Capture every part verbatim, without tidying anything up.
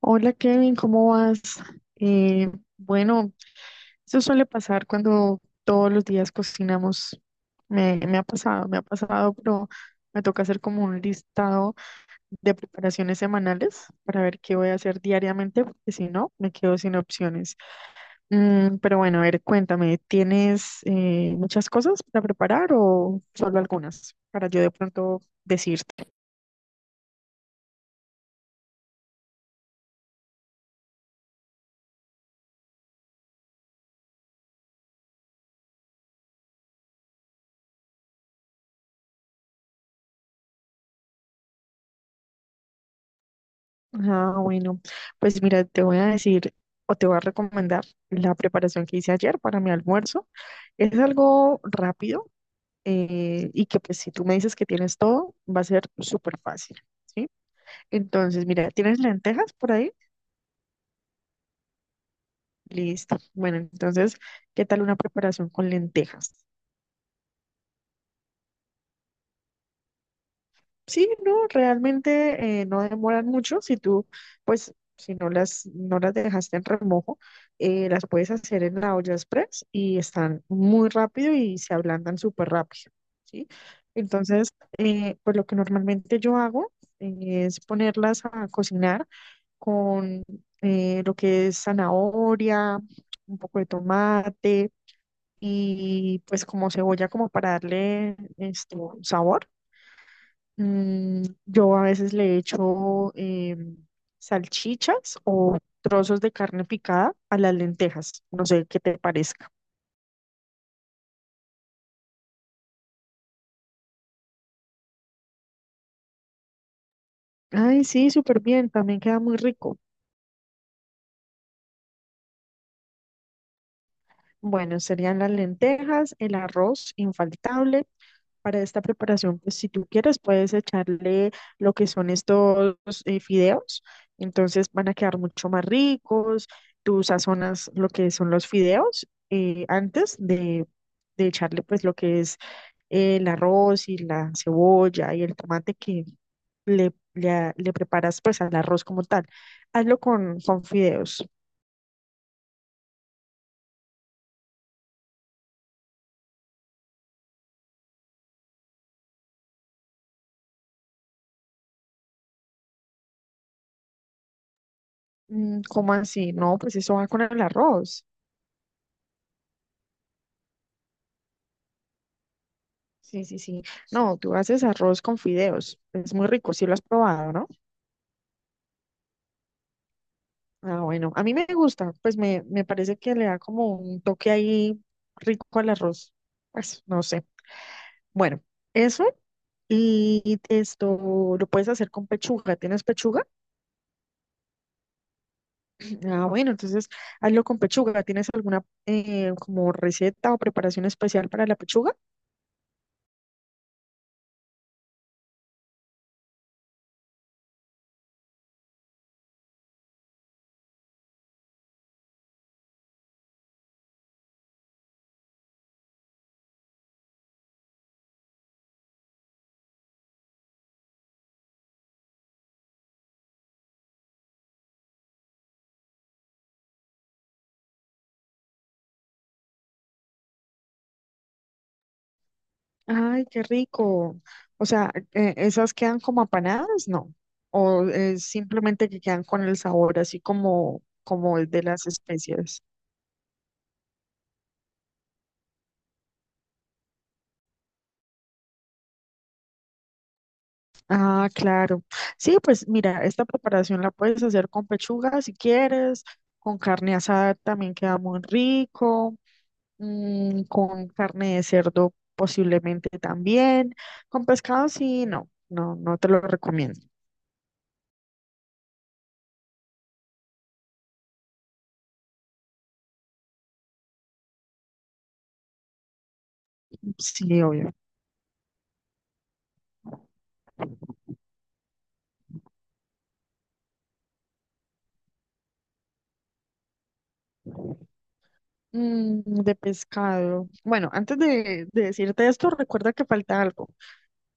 Hola Kevin, ¿cómo vas? Eh, bueno, eso suele pasar cuando todos los días cocinamos. Me, me ha pasado, me ha pasado, pero me toca hacer como un listado de preparaciones semanales para ver qué voy a hacer diariamente, porque si no, me quedo sin opciones. Mm, pero bueno, a ver, cuéntame, ¿tienes eh, muchas cosas para preparar o solo algunas para yo de pronto decir? Ah, bueno, pues mira, te voy a decir o te voy a recomendar la preparación que hice ayer para mi almuerzo. Es algo rápido eh, y que pues si tú me dices que tienes todo, va a ser súper fácil, ¿sí? Entonces, mira, ¿tienes lentejas por ahí? Listo. Bueno, entonces, ¿qué tal una preparación con lentejas? Sí, no, realmente eh, no demoran mucho. Si tú, pues, si no las, no las dejaste en remojo, eh, las puedes hacer en la olla express y están muy rápido y se ablandan súper rápido, ¿sí? Entonces, eh, pues lo que normalmente yo hago eh, es ponerlas a cocinar con eh, lo que es zanahoria, un poco de tomate y pues como cebolla como para darle este, sabor. Mm, yo a veces le echo em, salchichas o trozos de carne picada a las lentejas. No sé qué te parezca. Ay, sí, súper bien. También queda muy rico. Bueno, serían las lentejas, el arroz infaltable. Para esta preparación, pues si tú quieres, puedes echarle lo que son estos eh, fideos. Entonces van a quedar mucho más ricos. Tú sazonas lo que son los fideos eh, antes de, de echarle pues lo que es el arroz y la cebolla y el tomate que le, le, a- le preparas pues al arroz como tal. Hazlo con, con fideos. Mm, ¿cómo así? No, pues eso va con el arroz. Sí, sí, sí. No, tú haces arroz con fideos. Es muy rico, sí lo has probado, ¿no? Ah, bueno, a mí me gusta, pues me, me parece que le da como un toque ahí rico al arroz. Pues no sé. Bueno, eso y esto lo puedes hacer con pechuga. ¿Tienes pechuga? Ah, bueno, entonces hazlo con pechuga. ¿Tienes alguna eh, como receta o preparación especial para la pechuga? Ay, qué rico. O sea, eh, ¿esas quedan como apanadas? No. O eh, simplemente que quedan con el sabor así como, como el de las especias. Ah, claro. Sí, pues mira, esta preparación la puedes hacer con pechuga si quieres, con carne asada también queda muy rico. Mm, con carne de cerdo posiblemente también. Con pescado sí, no, no, no te lo recomiendo. Sí, obvio. Mm, de pescado. Bueno, antes de, de decirte esto, recuerda que falta algo.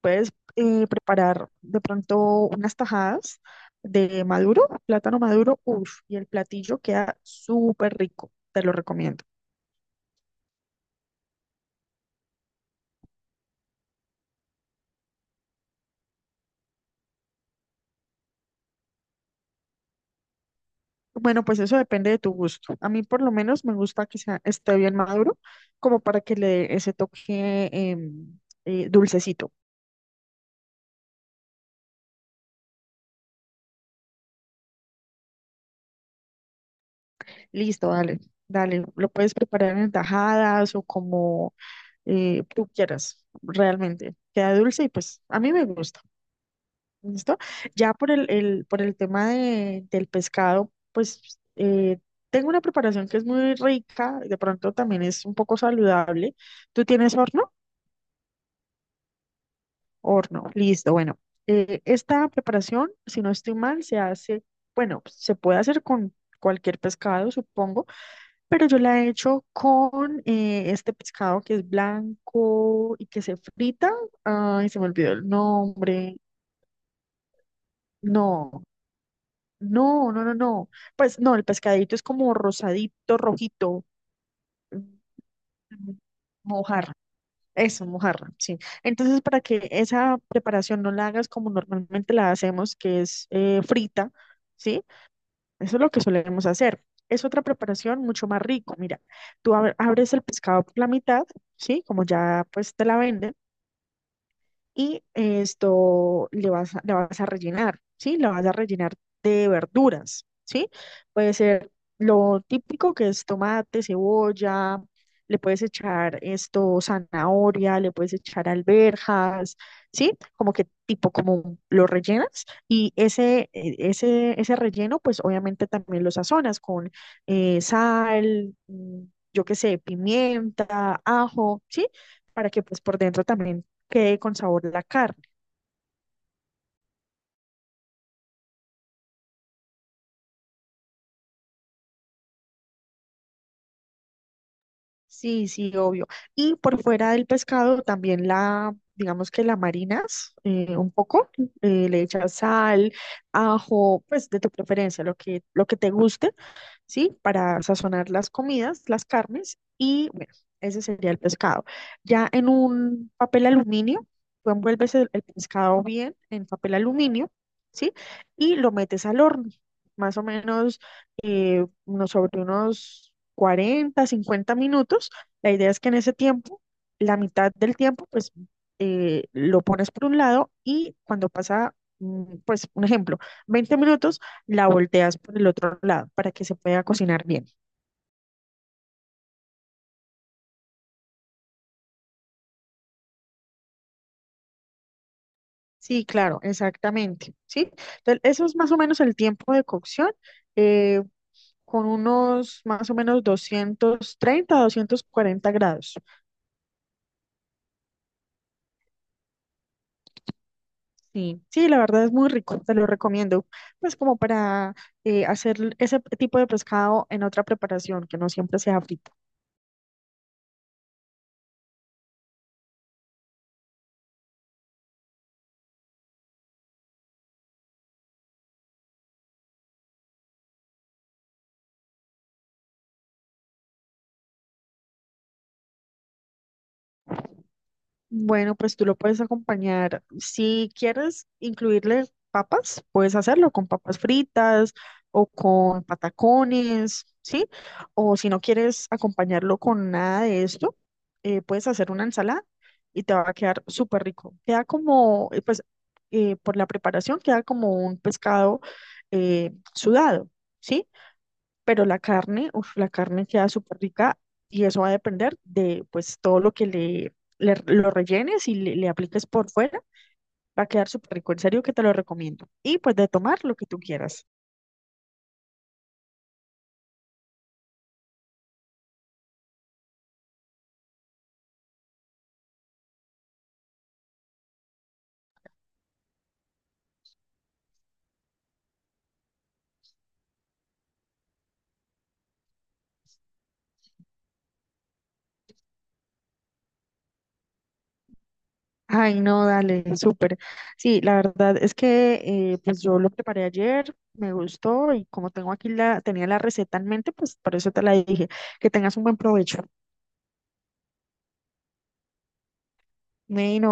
Puedes eh, preparar de pronto unas tajadas de maduro, plátano maduro, uff, y el platillo queda súper rico. Te lo recomiendo. Bueno, pues eso depende de tu gusto. A mí por lo menos me gusta que sea, esté bien maduro, como para que le dé ese toque em, eh, dulcecito. Listo, dale, dale. Lo puedes preparar en tajadas o como eh, tú quieras, realmente. Queda dulce y pues a mí me gusta. ¿Listo? Ya por el, el- por el tema de- del pescado, pues eh, tengo una preparación que es muy rica, de pronto también es un poco saludable. ¿Tú tienes horno? Horno, listo. Bueno, eh, esta preparación, si no estoy mal, se hace, bueno, se puede hacer con cualquier pescado, supongo, pero yo la he hecho con eh, este pescado que es blanco y que se frita. Ay, se me olvidó el nombre. No. No, no, no, no. Pues no, el pescadito es como rosadito, rojito. Mm, mojarra. Eso, mojarra, sí. Entonces, para que esa preparación no la hagas como normalmente la hacemos, que es eh, frita, ¿sí? Eso es lo que solemos hacer. Es otra preparación mucho más rico. Mira, tú ab- abres el pescado por la mitad, ¿sí? Como ya pues te la venden. Y esto le vas a, la vas a rellenar, ¿sí? La vas a rellenar de verduras, ¿sí? Puede ser lo típico que es tomate, cebolla, le puedes echar esto, zanahoria, le puedes echar alberjas, ¿sí? Como que tipo como lo rellenas y ese, eh, ese, ese relleno pues obviamente también lo sazonas con eh, sal, mm, yo qué sé, pimienta, ajo, ¿sí? Para que pues por dentro también quede con sabor a la carne. Sí, sí, obvio. Y por fuera del pescado también la, digamos que la marinas eh, un poco, eh, le echas sal, ajo, pues de tu preferencia, lo que, lo que te guste. ¿Sí? Para sazonar las comidas, las carnes y bueno, ese sería el pescado. Ya en un papel aluminio, tú envuelves el, el pescado bien en papel aluminio, ¿sí? Y lo metes al horno, más o menos eh, unos- sobre unos cuarenta, cincuenta minutos. La idea es que en ese tiempo, la mitad del tiempo, pues eh, lo pones por un lado y cuando pasa, mm, pues un ejemplo, veinte minutos, la volteas por el otro lado para que se pueda cocinar bien. Sí, claro, exactamente. Sí, entonces eso es más o menos el tiempo de cocción, eh, con unos más o menos doscientos treinta doscientos cuarenta grados. Sí, sí, la verdad es muy rico, te lo recomiendo. Pues como para eh, hacer ese tipo de pescado en otra preparación, que no siempre sea frito. Bueno, pues tú lo puedes acompañar. Si quieres incluirle papas, puedes hacerlo con papas fritas o con patacones, ¿sí? O si no quieres acompañarlo con nada de esto, eh, puedes hacer una ensalada y te va a quedar súper rico. Queda como, eh, pues, eh, por la preparación, queda como un pescado eh, sudado, ¿sí? Pero la carne, uf, la carne queda súper rica y eso va a depender de pues todo lo que le, le- lo rellenes y le, le apliques por fuera, va a quedar súper rico, en serio que te lo recomiendo. Y pues de tomar lo que tú quieras. Ay, no, dale, súper. Sí, la verdad es que eh, pues yo lo preparé ayer, me gustó y como tengo aquí la, tenía la receta en mente, pues por eso te la dije, que tengas un buen provecho. Bueno.